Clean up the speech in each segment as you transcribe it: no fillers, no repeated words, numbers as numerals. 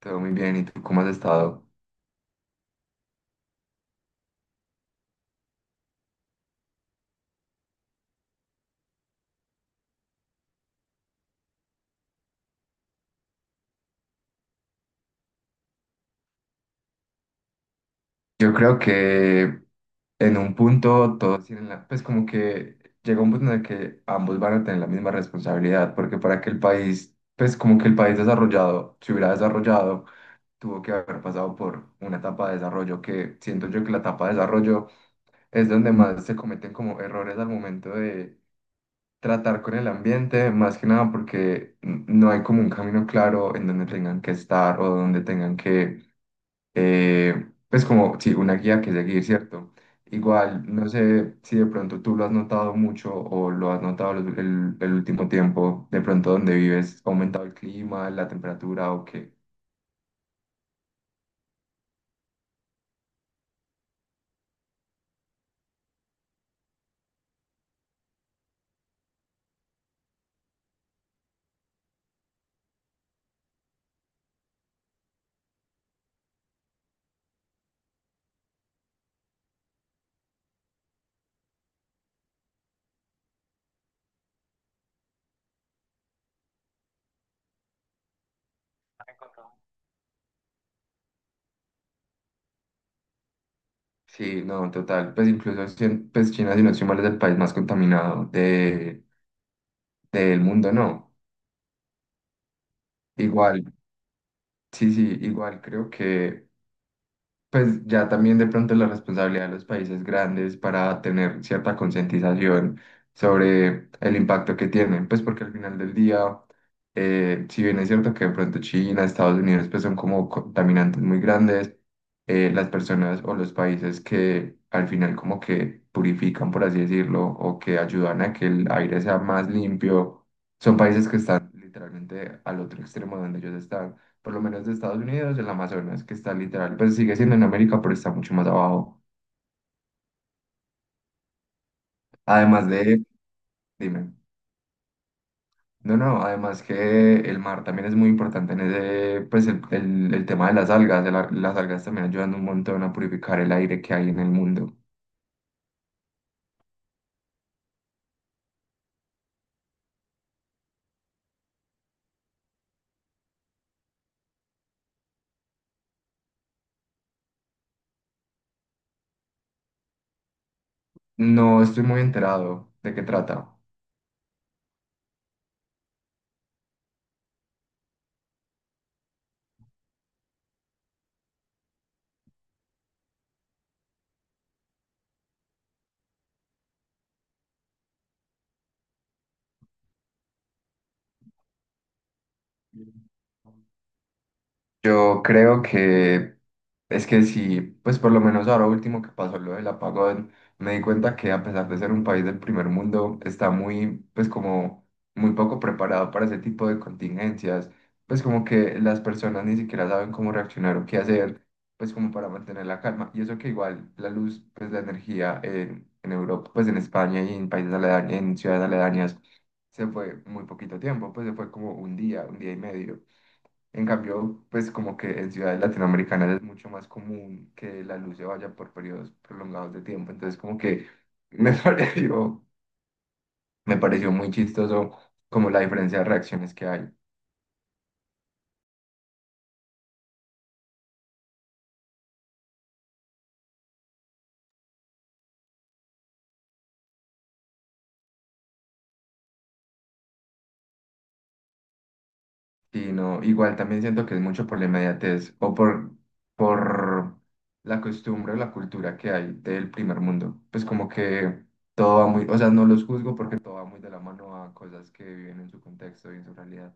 Todo muy bien, ¿y tú cómo has estado? Yo creo que en un punto todos tienen la, pues como que llega un punto en el que ambos van a tener la misma responsabilidad, porque para que el país, pues como que el país desarrollado se hubiera desarrollado, tuvo que haber pasado por una etapa de desarrollo que siento yo que la etapa de desarrollo es donde más se cometen como errores al momento de tratar con el ambiente, más que nada porque no hay como un camino claro en donde tengan que estar o donde tengan que eh, pues como, sí, una guía que seguir, ¿cierto? Igual, no sé si de pronto tú lo has notado mucho o lo has notado el último tiempo, de pronto donde vives, ¿ha aumentado el clima, la temperatura o qué? Sí, no, total, pues incluso, pues China, si no estoy mal, es el país más contaminado de, del mundo, ¿no? Igual, sí, sí, igual creo que... Pues ya también de pronto la responsabilidad de los países grandes para tener cierta concientización sobre el impacto que tienen, pues porque al final del día, si bien es cierto que de pronto China, Estados Unidos, pues son como contaminantes muy grandes, las personas o los países que al final como que purifican, por así decirlo, o que ayudan a que el aire sea más limpio, son países que están literalmente al otro extremo donde ellos están por lo menos de Estados Unidos, el Amazonas, que está literal, pues sigue siendo en América, pero está mucho más abajo. Además de, dime, no, no, además que el mar también es muy importante en ese, pues el tema de las algas, de las algas también ayudan un montón a purificar el aire que hay en el mundo. No estoy muy enterado de qué trata. Yo creo que es que sí, pues por lo menos ahora último que pasó lo del apagón, me di cuenta que a pesar de ser un país del primer mundo, está muy, pues como muy poco preparado para ese tipo de contingencias, pues como que las personas ni siquiera saben cómo reaccionar o qué hacer, pues como para mantener la calma. Y eso que igual la luz, pues la energía en Europa, pues en España y en países aledaños, en ciudades aledañas, se fue muy poquito tiempo, pues se fue como un día y medio. En cambio, pues como que en ciudades latinoamericanas es mucho más común que la luz se vaya por periodos prolongados de tiempo. Entonces como que me pareció, me pareció muy chistoso como la diferencia de reacciones que hay. Y no, igual también siento que es mucho por la inmediatez o por la costumbre o la cultura que hay del primer mundo. Pues como que todo va muy, o sea, no los juzgo porque todo va muy de la mano a cosas que viven en su contexto y en su realidad.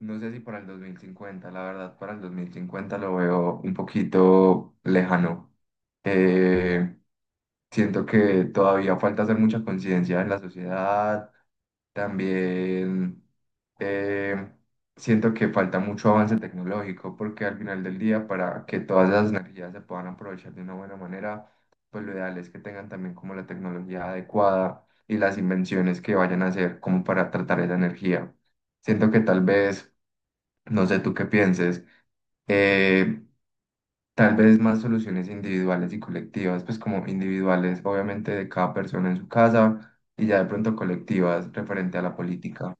No sé si para el 2050, la verdad, para el 2050 lo veo un poquito lejano. Eh, Siento que todavía falta hacer mucha conciencia en la sociedad. También eh, siento que falta mucho avance tecnológico porque al final del día, para que todas esas energías se puedan aprovechar de una buena manera, pues lo ideal es que tengan también como la tecnología adecuada y las invenciones que vayan a hacer como para tratar esa energía. Siento que tal vez no sé tú qué pienses. eh, Tal vez más soluciones individuales y colectivas, pues como individuales, obviamente de cada persona en su casa y ya de pronto colectivas referente a la política.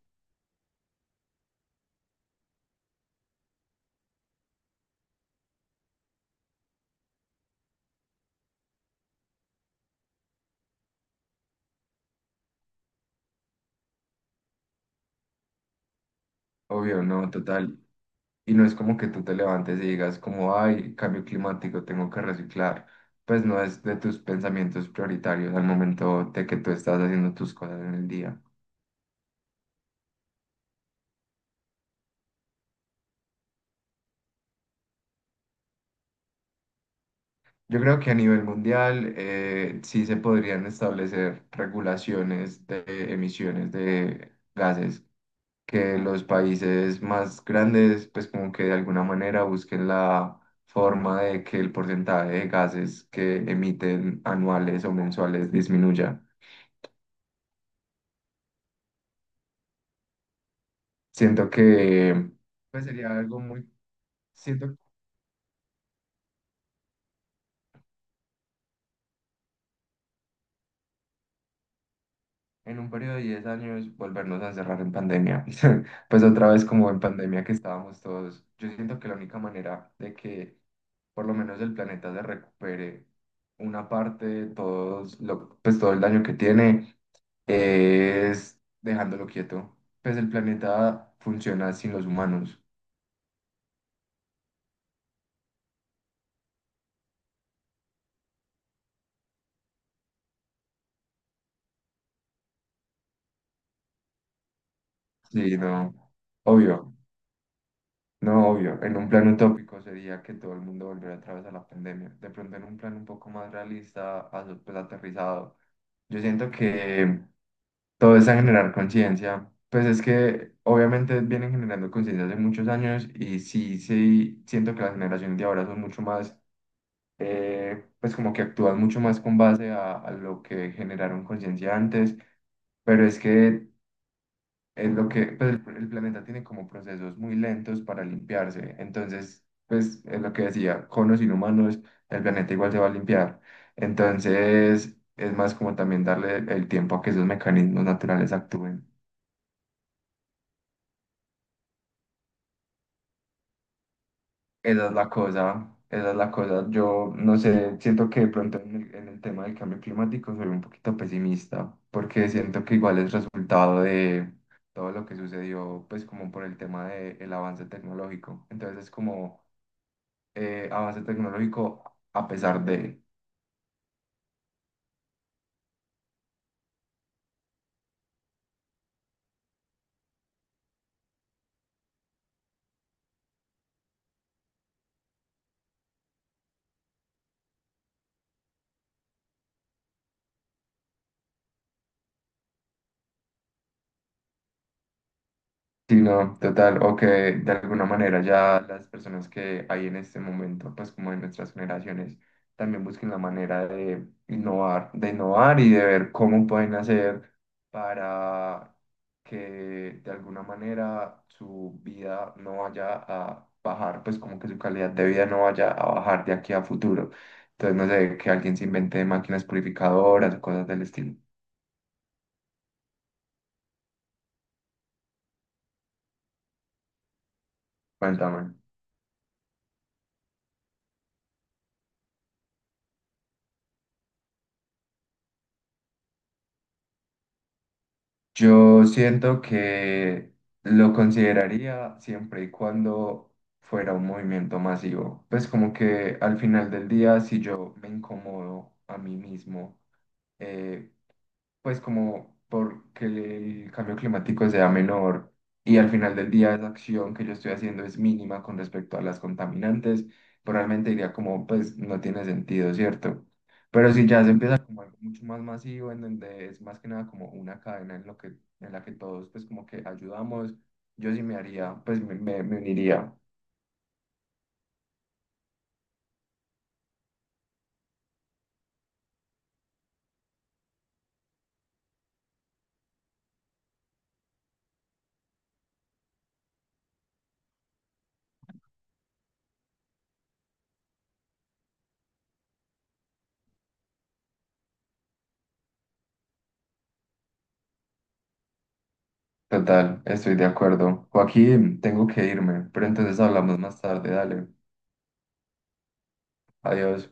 Obvio, no, total. Y no es como que tú te levantes y digas como, ay, cambio climático, tengo que reciclar. Pues no es de tus pensamientos prioritarios al momento de que tú estás haciendo tus cosas en el día. Yo creo que a nivel mundial sí se podrían establecer regulaciones de emisiones de gases, que los países más grandes pues como que de alguna manera busquen la forma de que el porcentaje de gases que emiten anuales o mensuales disminuya. Siento que pues sería algo muy, siento en un periodo de 10 años volvernos a encerrar en pandemia. Pues otra vez como en pandemia que estábamos todos. Yo siento que la única manera de que por lo menos el planeta se recupere una parte, de todos lo, pues todo el daño que tiene, es dejándolo quieto. Pues el planeta funciona sin los humanos. Sí, no, obvio, no, obvio. En un plan utópico sería que todo el mundo volviera a través de la pandemia. De pronto en un plan un poco más realista, pues aterrizado, yo siento que todo es a generar conciencia. Pues es que obviamente vienen generando conciencia hace muchos años y sí, sí, siento que las generaciones de ahora son mucho más, pues como que actúan mucho más con base a lo que generaron conciencia antes. Pero es que es lo que, pues, el planeta tiene como procesos muy lentos para limpiarse. Entonces, pues, es lo que decía, con los inhumanos, el planeta igual se va a limpiar. Entonces, es más como también darle el tiempo a que esos mecanismos naturales actúen. Esa es la cosa, esa es la cosa. Yo, no sé, siento que de pronto en el tema del cambio climático soy un poquito pesimista, porque siento que igual es resultado de todo lo que sucedió, pues, como por el tema del avance tecnológico. Entonces, es como avance tecnológico a pesar de, sí, no, total, o que de alguna manera ya las personas que hay en este momento, pues como en nuestras generaciones, también busquen la manera de innovar y de ver cómo pueden hacer para que de alguna manera su vida no vaya a bajar, pues como que su calidad de vida no vaya a bajar de aquí a futuro. Entonces, no sé, que alguien se invente máquinas purificadoras o cosas del estilo. Cuéntame. Yo siento que lo consideraría siempre y cuando fuera un movimiento masivo. Pues como que al final del día, si yo me incomodo a mí mismo eh, pues como porque el cambio climático sea menor y al final del día esa acción que yo estoy haciendo es mínima con respecto a las contaminantes, probablemente diría como, pues no tiene sentido, ¿cierto? Pero si ya se empieza como algo mucho más masivo, en donde es más que nada como una cadena en lo que, en la que todos pues como que ayudamos, yo sí me haría, pues me uniría. Total, estoy de acuerdo. Joaquín, tengo que irme, pero entonces hablamos más tarde, dale. Adiós.